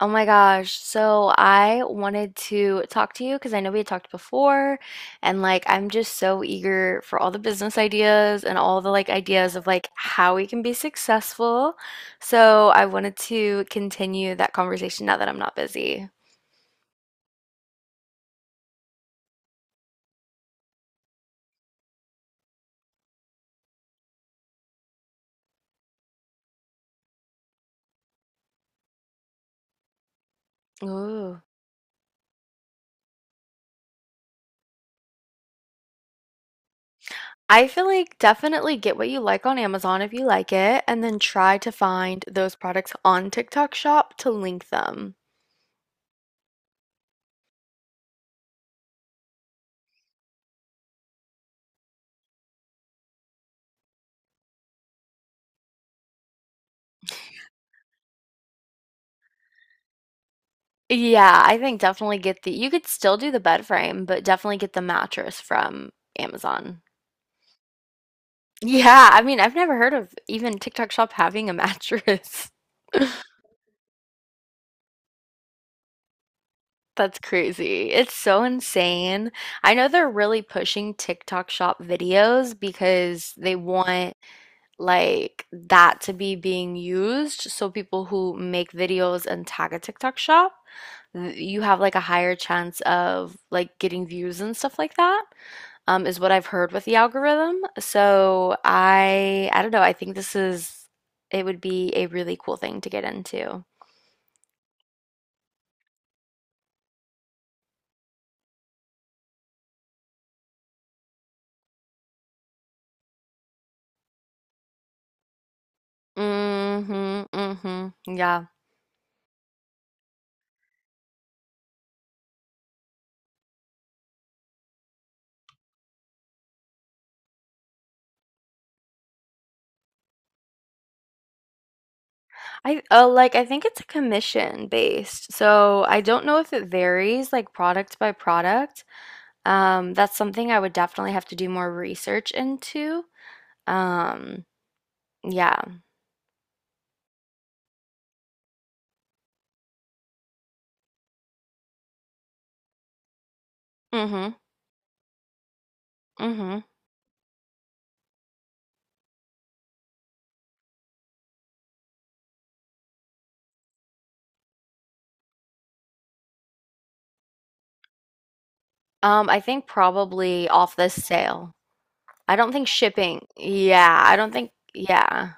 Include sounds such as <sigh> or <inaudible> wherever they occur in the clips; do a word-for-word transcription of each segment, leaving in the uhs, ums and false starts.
Oh my gosh. So I wanted to talk to you because I know we had talked before, and like I'm just so eager for all the business ideas and all the like ideas of like how we can be successful. So I wanted to continue that conversation now that I'm not busy. Ooh. I feel like definitely get what you like on Amazon if you like it, and then try to find those products on TikTok Shop to link them. Yeah, I think definitely get the you could still do the bed frame, but definitely get the mattress from Amazon. Yeah, I mean, I've never heard of even TikTok Shop having a mattress. <laughs> That's crazy. It's so insane. I know they're really pushing TikTok Shop videos because they want like that to be being used. So people who make videos and tag a TikTok shop, you have like a higher chance of like getting views and stuff like that, um, is what I've heard with the algorithm. So I I don't know, I think this is it would be a really cool thing to get into. Mm-hmm, mm-hmm. Yeah. I uh, like I think it's a commission based. So I don't know if it varies like product by product. Um, that's something I would definitely have to do more research into. Um, yeah. Mm-hmm. Mm-hmm. Um, I think probably off the sale. I don't think shipping. Yeah, I don't think. Yeah.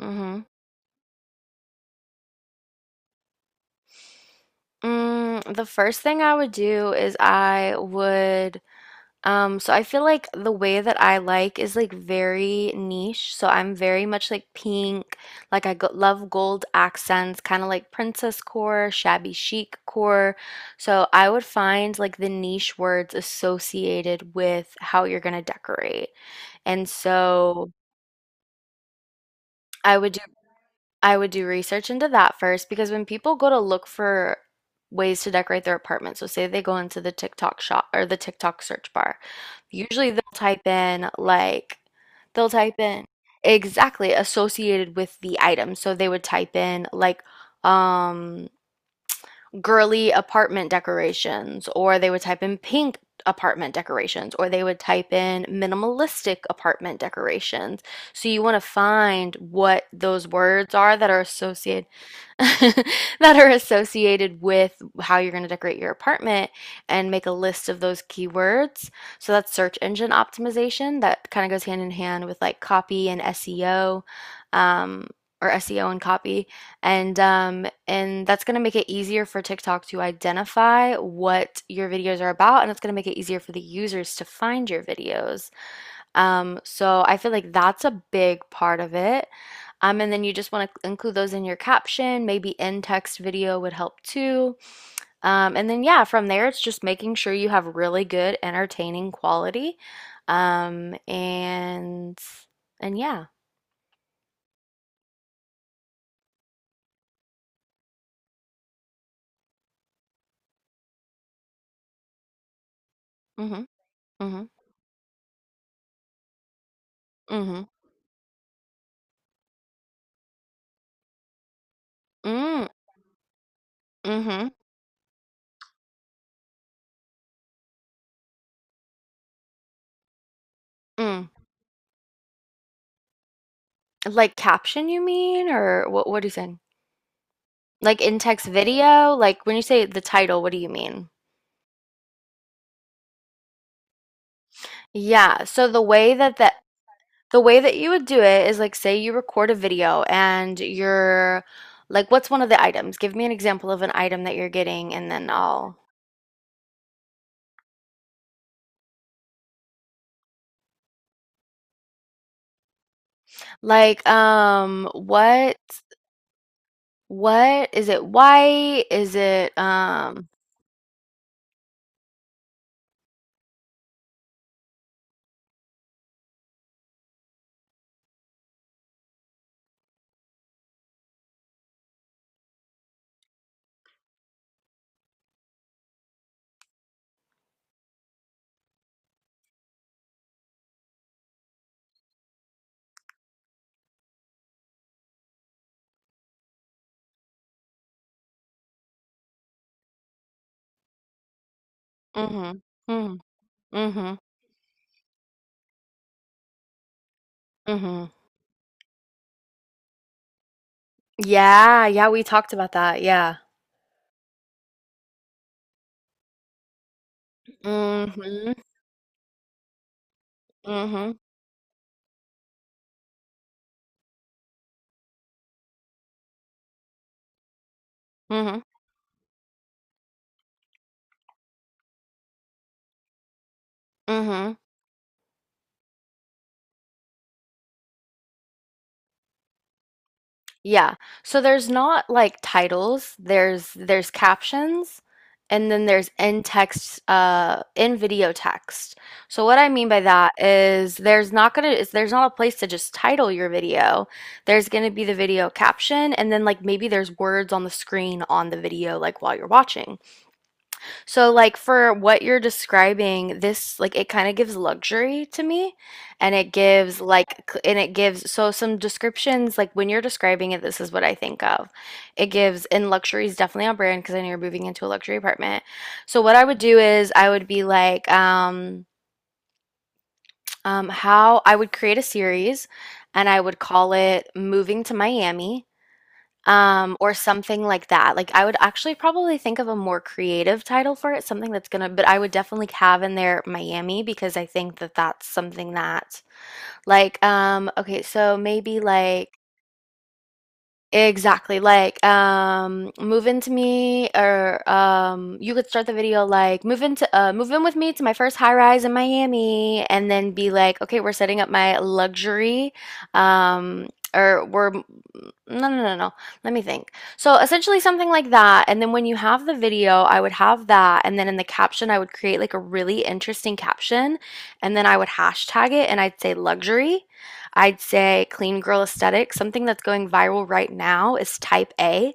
Mm-hmm. Mm, the first thing I would do is I would Um, so I feel like the way that I like is like very niche. So I'm very much like pink. Like I go love gold accents, kind of like princess core, shabby chic core. So I would find like the niche words associated with how you're gonna decorate. And so I would do I would do research into that first because when people go to look for ways to decorate their apartment, so say they go into the TikTok shop or the TikTok search bar, usually they'll type in like they'll type in exactly associated with the item. So they would type in like um girly apartment decorations, or they would type in pink apartment decorations, or they would type in minimalistic apartment decorations. So you want to find what those words are that are associated <laughs> that are associated with how you're going to decorate your apartment and make a list of those keywords. So that's search engine optimization that kind of goes hand in hand with like copy and S E O um, or S E O and copy. And um, and that's going to make it easier for TikTok to identify what your videos are about and it's going to make it easier for the users to find your videos. Um, so I feel like that's a big part of it. Um, and then you just want to include those in your caption. Maybe in text video would help too. Um, and then, yeah, from there, it's just making sure you have really good, entertaining quality. Um, and, and yeah. Mm-hmm. Mm-hmm. Mm-hmm. Mm, mm-hmm. Mm. Like caption, you mean? Or what, what are you saying? Like in text video? Like when you say the title, what do you mean? Yeah, so the way that the the way that you would do it is like, say you record a video and you're like, what's one of the items? Give me an example of an item that you're getting, and then I'll like, um, what, what is it? White? Is it, um, mm-hmm, mm-hmm, mm-hmm, mm-hmm. Yeah, yeah, we talked about that. Yeah. Mm-hmm, mm-hmm, mm-hmm, mm-hmm. Yeah. So there's not like titles, there's there's captions, and then there's in text uh in video text. So what I mean by that is there's not gonna is there's not a place to just title your video. There's gonna be the video caption and then like maybe there's words on the screen on the video like while you're watching. So, like, for what you're describing, this, like, it kind of gives luxury to me. And it gives, like, cl- and it gives, so some descriptions, like, when you're describing it, this is what I think of. It gives, and luxury is definitely on brand because I know you're moving into a luxury apartment. So, what I would do is I would be like, um, um, how I would create a series and I would call it Moving to Miami. Um, or something like that. Like I would actually probably think of a more creative title for it, something that's gonna, but I would definitely have in there Miami because I think that that's something that like um okay, so maybe like Exactly. Like, um, move into me, or um, you could start the video like, move into, uh, move in with me to my first high rise in Miami, and then be like, okay, we're setting up my luxury, um, or we're, no, no, no, no. Let me think. So essentially something like that. And then when you have the video, I would have that, and then in the caption, I would create like a really interesting caption, and then I would hashtag it, and I'd say luxury. I'd say clean girl aesthetic. Something that's going viral right now is type A.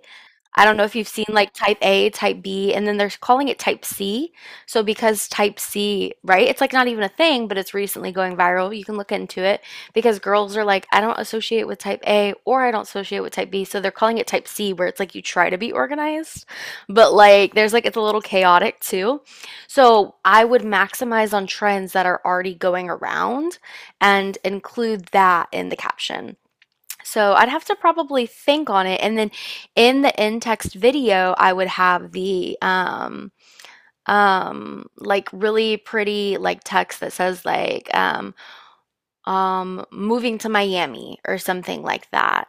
I don't know if you've seen like type A, type B, and then they're calling it type C. So because type C, right? It's like not even a thing, but it's recently going viral. You can look into it because girls are like, I don't associate with type A or I don't associate with type B. So they're calling it type C, where it's like you try to be organized, but like there's like it's a little chaotic too. So I would maximize on trends that are already going around and include that in the caption. So I'd have to probably think on it. And then in the in-text video, I would have the um um like really pretty like text that says like um um moving to Miami or something like that.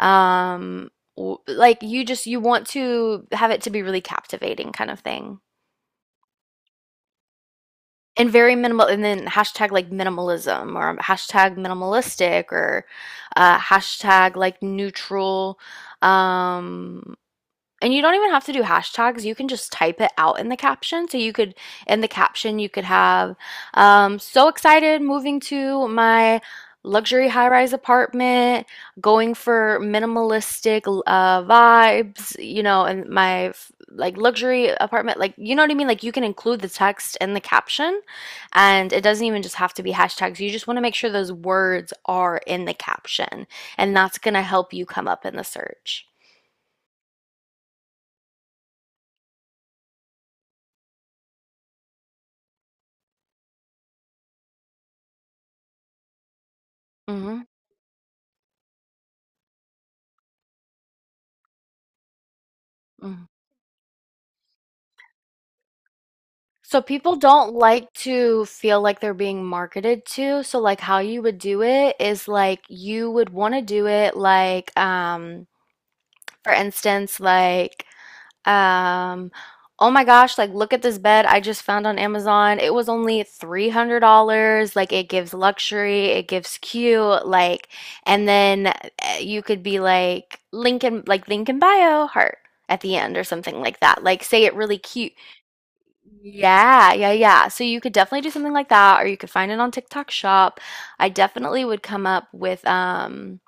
Um w- like you just you want to have it to be really captivating kind of thing. And very minimal and then hashtag like minimalism or hashtag minimalistic or uh hashtag like neutral um and you don't even have to do hashtags. You can just type it out in the caption. So you could, in the caption, you could have, um, so excited moving to my luxury high rise apartment, going for minimalistic uh, vibes, you know, and my like luxury apartment. Like, you know what I mean? Like, you can include the text in the caption and it doesn't even just have to be hashtags. You just want to make sure those words are in the caption and that's going to help you come up in the search. Mm-hmm. Mm-hmm. So people don't like to feel like they're being marketed to. So like how you would do it is like you would want to do it like um for instance like um oh my gosh like look at this bed I just found on Amazon. It was only three hundred dollars. Like it gives luxury, it gives cute like and then uh, you could be like link in like link in bio heart at the end or something like that. Like say it really cute yeah, yeah, yeah. So you could definitely do something like that, or you could find it on TikTok Shop. I definitely would come up with um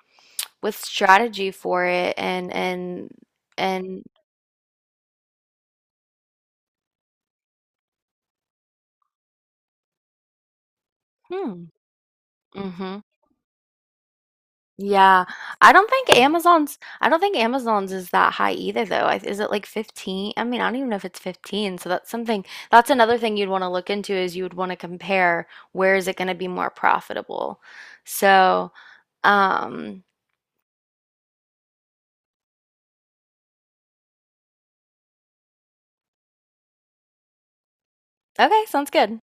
with strategy for it and and and hmm. Mm-hmm. Yeah. I don't think Amazon's I don't think Amazon's is that high either though. I, is it like fifteen? I mean, I don't even know if it's fifteen. So that's something that's another thing you'd want to look into is you would want to compare where is it going to be more profitable. So, um okay, sounds good.